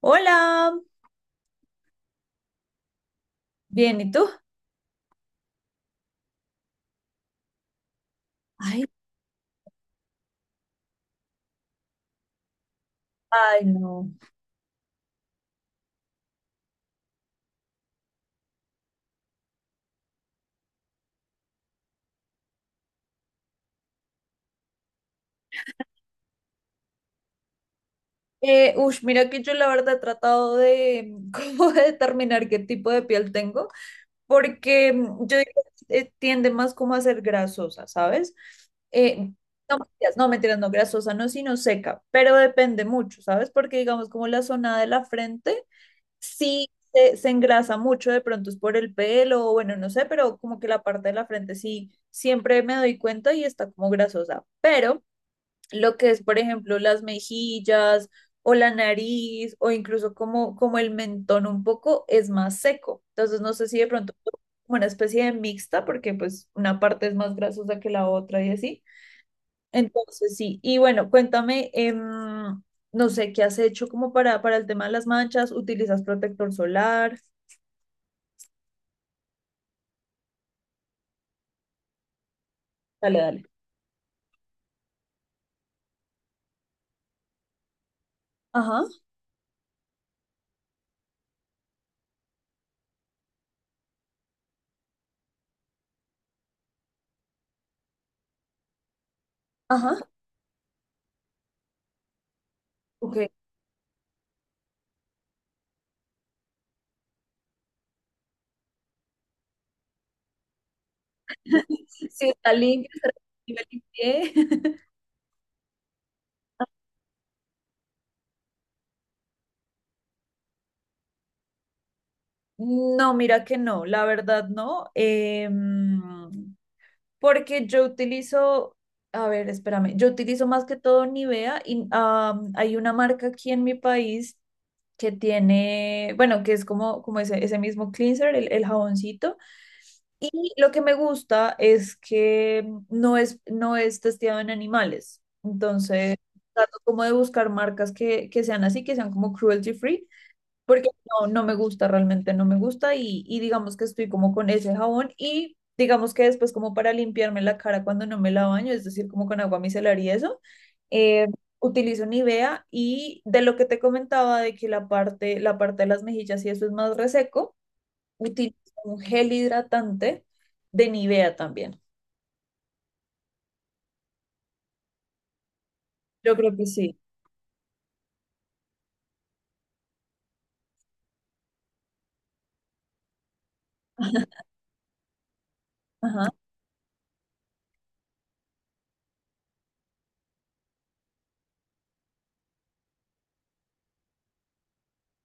Hola, bien, ¿y tú? Ay. Ay, no. Ush, mira que yo la verdad he tratado de cómo determinar qué tipo de piel tengo, porque yo digo que tiende más como a ser grasosa, ¿sabes? Eh, no, mentiras, no, mentiras, no, grasosa, no, sino seca, pero depende mucho, ¿sabes? Porque digamos como la zona de la frente sí se engrasa mucho, de pronto es por el pelo, o bueno, no sé, pero como que la parte de la frente sí, siempre me doy cuenta y está como grasosa, pero lo que es, por ejemplo, las mejillas o la nariz o incluso como el mentón un poco es más seco. Entonces no sé si de pronto como una especie de mixta porque pues una parte es más grasosa que la otra y así. Entonces sí, y bueno, cuéntame, no sé, ¿qué has hecho como para el tema de las manchas? ¿Utilizas protector solar? Dale, dale. Ajá, ajá, ok. Si está limpio, estará limpio el pie. No, mira que no, la verdad no, porque yo utilizo, a ver, espérame, yo utilizo más que todo Nivea y hay una marca aquí en mi país que tiene, bueno, que es como ese mismo cleanser, el jaboncito, y lo que me gusta es que no es testeado en animales, entonces trato como de buscar marcas que sean así, que sean como cruelty free porque no, no me gusta, realmente no me gusta y digamos que estoy como con ese jabón y digamos que después como para limpiarme la cara cuando no me la baño, es decir, como con agua micelar y eso, eh, utilizo Nivea y de lo que te comentaba de que la parte de las mejillas y eso es más reseco, utilizo un gel hidratante de Nivea también. Yo creo que sí. Ajá,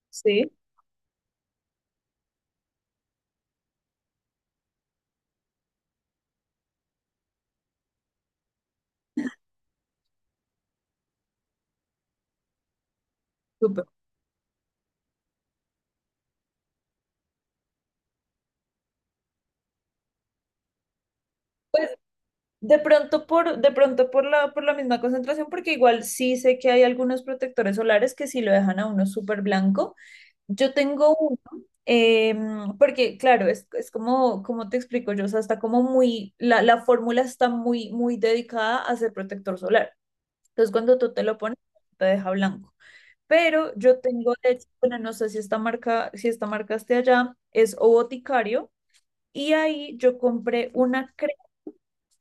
sí, súper. De pronto por la misma concentración, porque igual sí sé que hay algunos protectores solares que sí lo dejan a uno súper blanco. Yo tengo uno, porque claro, es como te explico yo, o sea, está como muy, la fórmula está muy, muy dedicada a ser protector solar. Entonces cuando tú te lo pones, te deja blanco. Pero yo tengo, de hecho, bueno, no sé si esta marca esté allá, es O Boticario, y ahí yo compré una crema.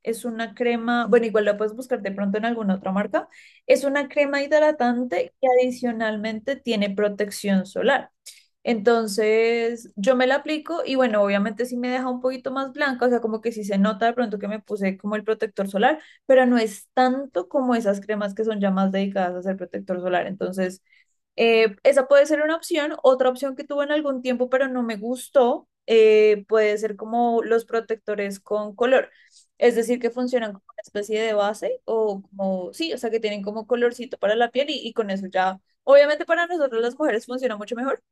Es una crema, bueno, igual la puedes buscar de pronto en alguna otra marca. Es una crema hidratante que adicionalmente tiene protección solar. Entonces, yo me la aplico y bueno, obviamente sí me deja un poquito más blanca, o sea, como que sí se nota de pronto que me puse como el protector solar, pero no es tanto como esas cremas que son ya más dedicadas a hacer protector solar. Entonces, esa puede ser una opción. Otra opción que tuve en algún tiempo, pero no me gustó, puede ser como los protectores con color. Es decir, que funcionan como una especie de base o como, sí, o sea, que tienen como colorcito para la piel y con eso ya, obviamente para nosotros las mujeres funciona mucho mejor,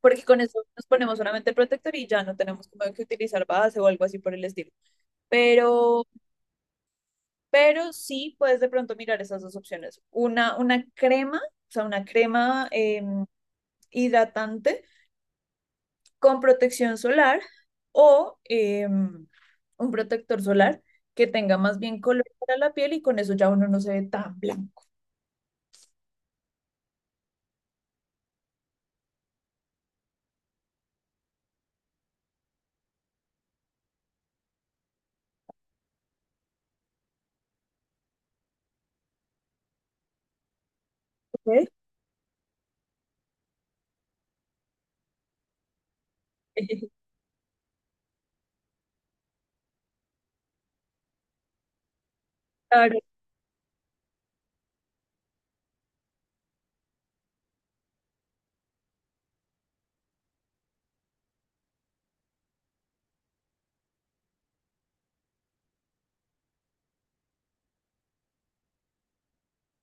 porque con eso nos ponemos solamente el protector y ya no tenemos como que utilizar base o algo así por el estilo. Pero, pero sí puedes de pronto mirar esas dos opciones. Una crema, o sea, una crema hidratante con protección solar o un protector solar que tenga más bien color para la piel y con eso ya uno no se ve tan blanco. Ok. Claro.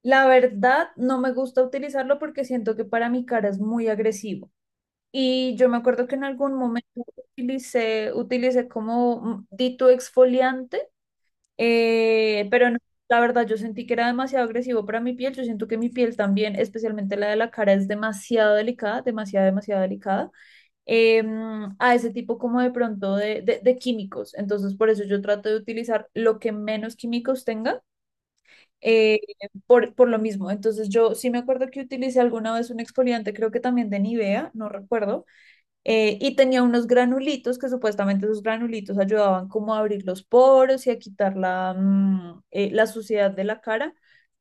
La verdad, no me gusta utilizarlo porque siento que para mi cara es muy agresivo. Y yo me acuerdo que en algún momento utilicé como dito exfoliante, pero no, la verdad yo sentí que era demasiado agresivo para mi piel. Yo siento que mi piel también, especialmente la de la cara, es demasiado delicada, demasiado, demasiado delicada. eh, a ese tipo como de pronto de químicos. Entonces, por eso yo trato de utilizar lo que menos químicos tenga, eh, por lo mismo. Entonces, yo sí me acuerdo que utilicé alguna vez un exfoliante, creo que también de Nivea, no recuerdo, y tenía unos granulitos que supuestamente esos granulitos ayudaban como a abrir los poros y a quitar la suciedad de la cara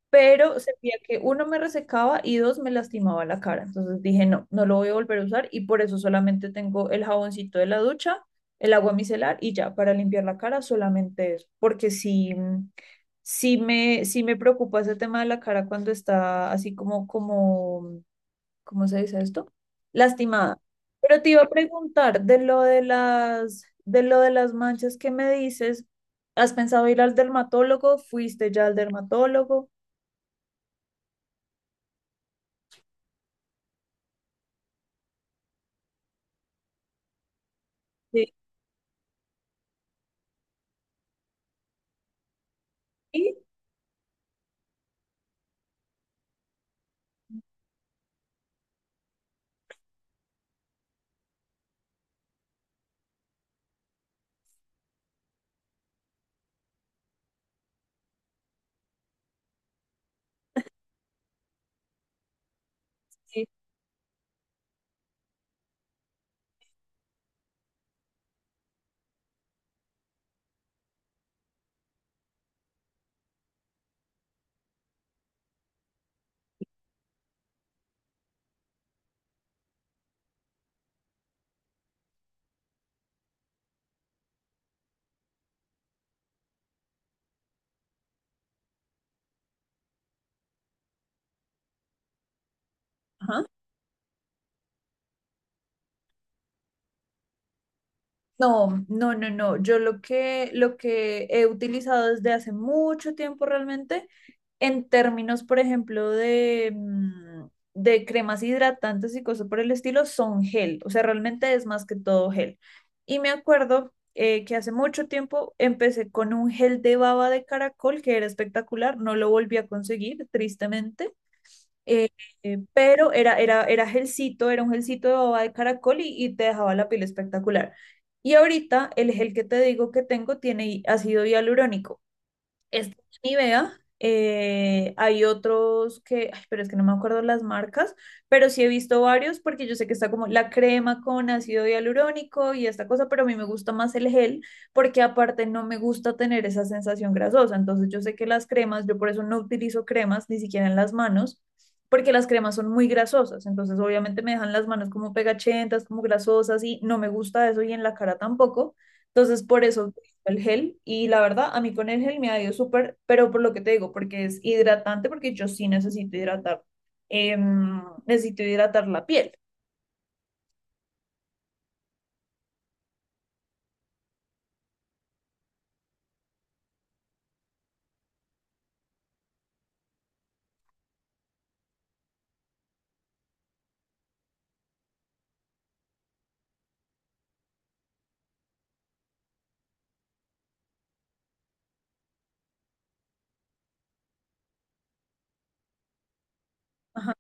pero sentía que uno me resecaba y dos me lastimaba la cara. Entonces dije, no, no lo voy a volver a usar y por eso solamente tengo el jaboncito de la ducha, el agua micelar y ya, para limpiar la cara solamente eso, porque sí, sí me preocupa ese tema de la cara cuando está así como, ¿cómo se dice esto? Lastimada. Pero te iba a preguntar de lo de las, manchas que me dices. ¿Has pensado ir al dermatólogo? ¿Fuiste ya al dermatólogo? Sí. Sí, sí, ajá. No, no, no, no. Yo lo que he utilizado desde hace mucho tiempo realmente, en términos, por ejemplo, de cremas hidratantes y cosas por el estilo, son gel. O sea, realmente es más que todo gel. Y me acuerdo que hace mucho tiempo empecé con un gel de baba de caracol que era espectacular. No lo volví a conseguir, tristemente. Eh, pero era un gelcito de baba de caracol y te dejaba la piel espectacular. Y ahorita el gel que te digo que tengo tiene ácido hialurónico. Este es Nivea. Hay otros que, ay, pero es que no me acuerdo las marcas, pero sí he visto varios porque yo sé que está como la crema con ácido hialurónico y esta cosa, pero a mí me gusta más el gel porque aparte no me gusta tener esa sensación grasosa. Entonces yo sé que las cremas, yo por eso no utilizo cremas ni siquiera en las manos porque las cremas son muy grasosas. Entonces obviamente me dejan las manos como pegachentas, como grasosas y no me gusta eso y en la cara tampoco. Entonces, por eso el gel y la verdad a mí con el gel me ha ido súper, pero por lo que te digo, porque es hidratante, porque yo sí necesito hidratar, necesito hidratar la piel. Ajá.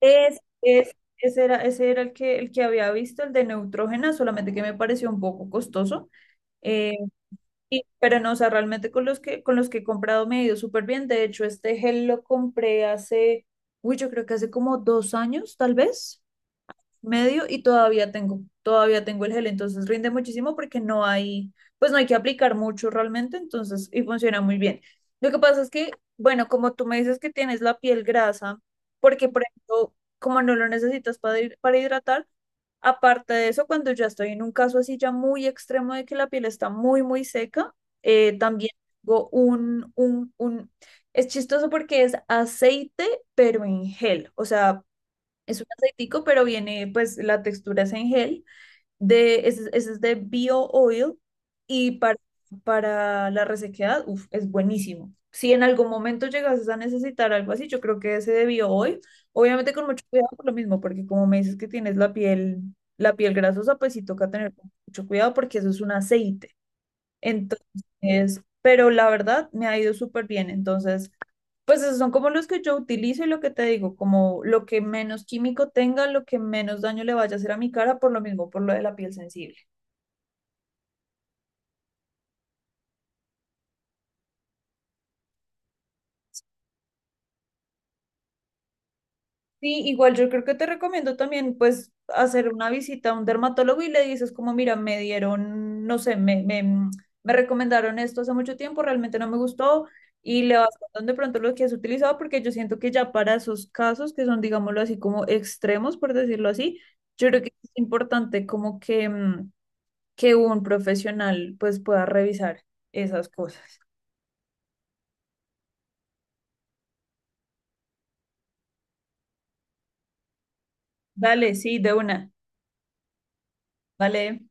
Ese era el que había visto, el de Neutrogena, solamente que me pareció un poco costoso, eh, pero no, o sea, realmente con los que he comprado me ha ido súper bien. De hecho, este gel lo compré hace, uy, yo creo que hace como 2 años, tal vez, medio y todavía tengo el gel, entonces rinde muchísimo porque no hay, pues no hay que aplicar mucho realmente, entonces, y funciona muy bien. Lo que pasa es que, bueno, como tú me dices que tienes la piel grasa, porque por ejemplo, como no lo necesitas para, para hidratar, aparte de eso, cuando ya estoy en un caso así ya muy extremo de que la piel está muy, muy seca, también tengo es chistoso porque es aceite, pero en gel, o sea, es un aceitico, pero viene, pues la textura es en gel. Ese es de Bio Oil y para la resequedad, uf, es buenísimo. Si en algún momento llegases a necesitar algo así, yo creo que ese de Bio Oil, obviamente con mucho cuidado por lo mismo, porque como me dices que tienes la piel grasosa, pues sí toca tener mucho cuidado porque eso es un aceite. Entonces, pero la verdad me ha ido súper bien. Entonces, pues esos son como los que yo utilizo y lo que te digo, como lo que menos químico tenga, lo que menos daño le vaya a hacer a mi cara, por lo mismo, por lo de la piel sensible. Sí, igual yo creo que te recomiendo también pues hacer una visita a un dermatólogo y le dices como, mira, me dieron, no sé, me recomendaron esto hace mucho tiempo, realmente no me gustó y le vas contando de pronto lo que has utilizado porque yo siento que ya para esos casos que son, digámoslo así, como extremos, por decirlo así, yo creo que es importante como que, que un profesional pues pueda revisar esas cosas. Dale, sí, de una. Vale.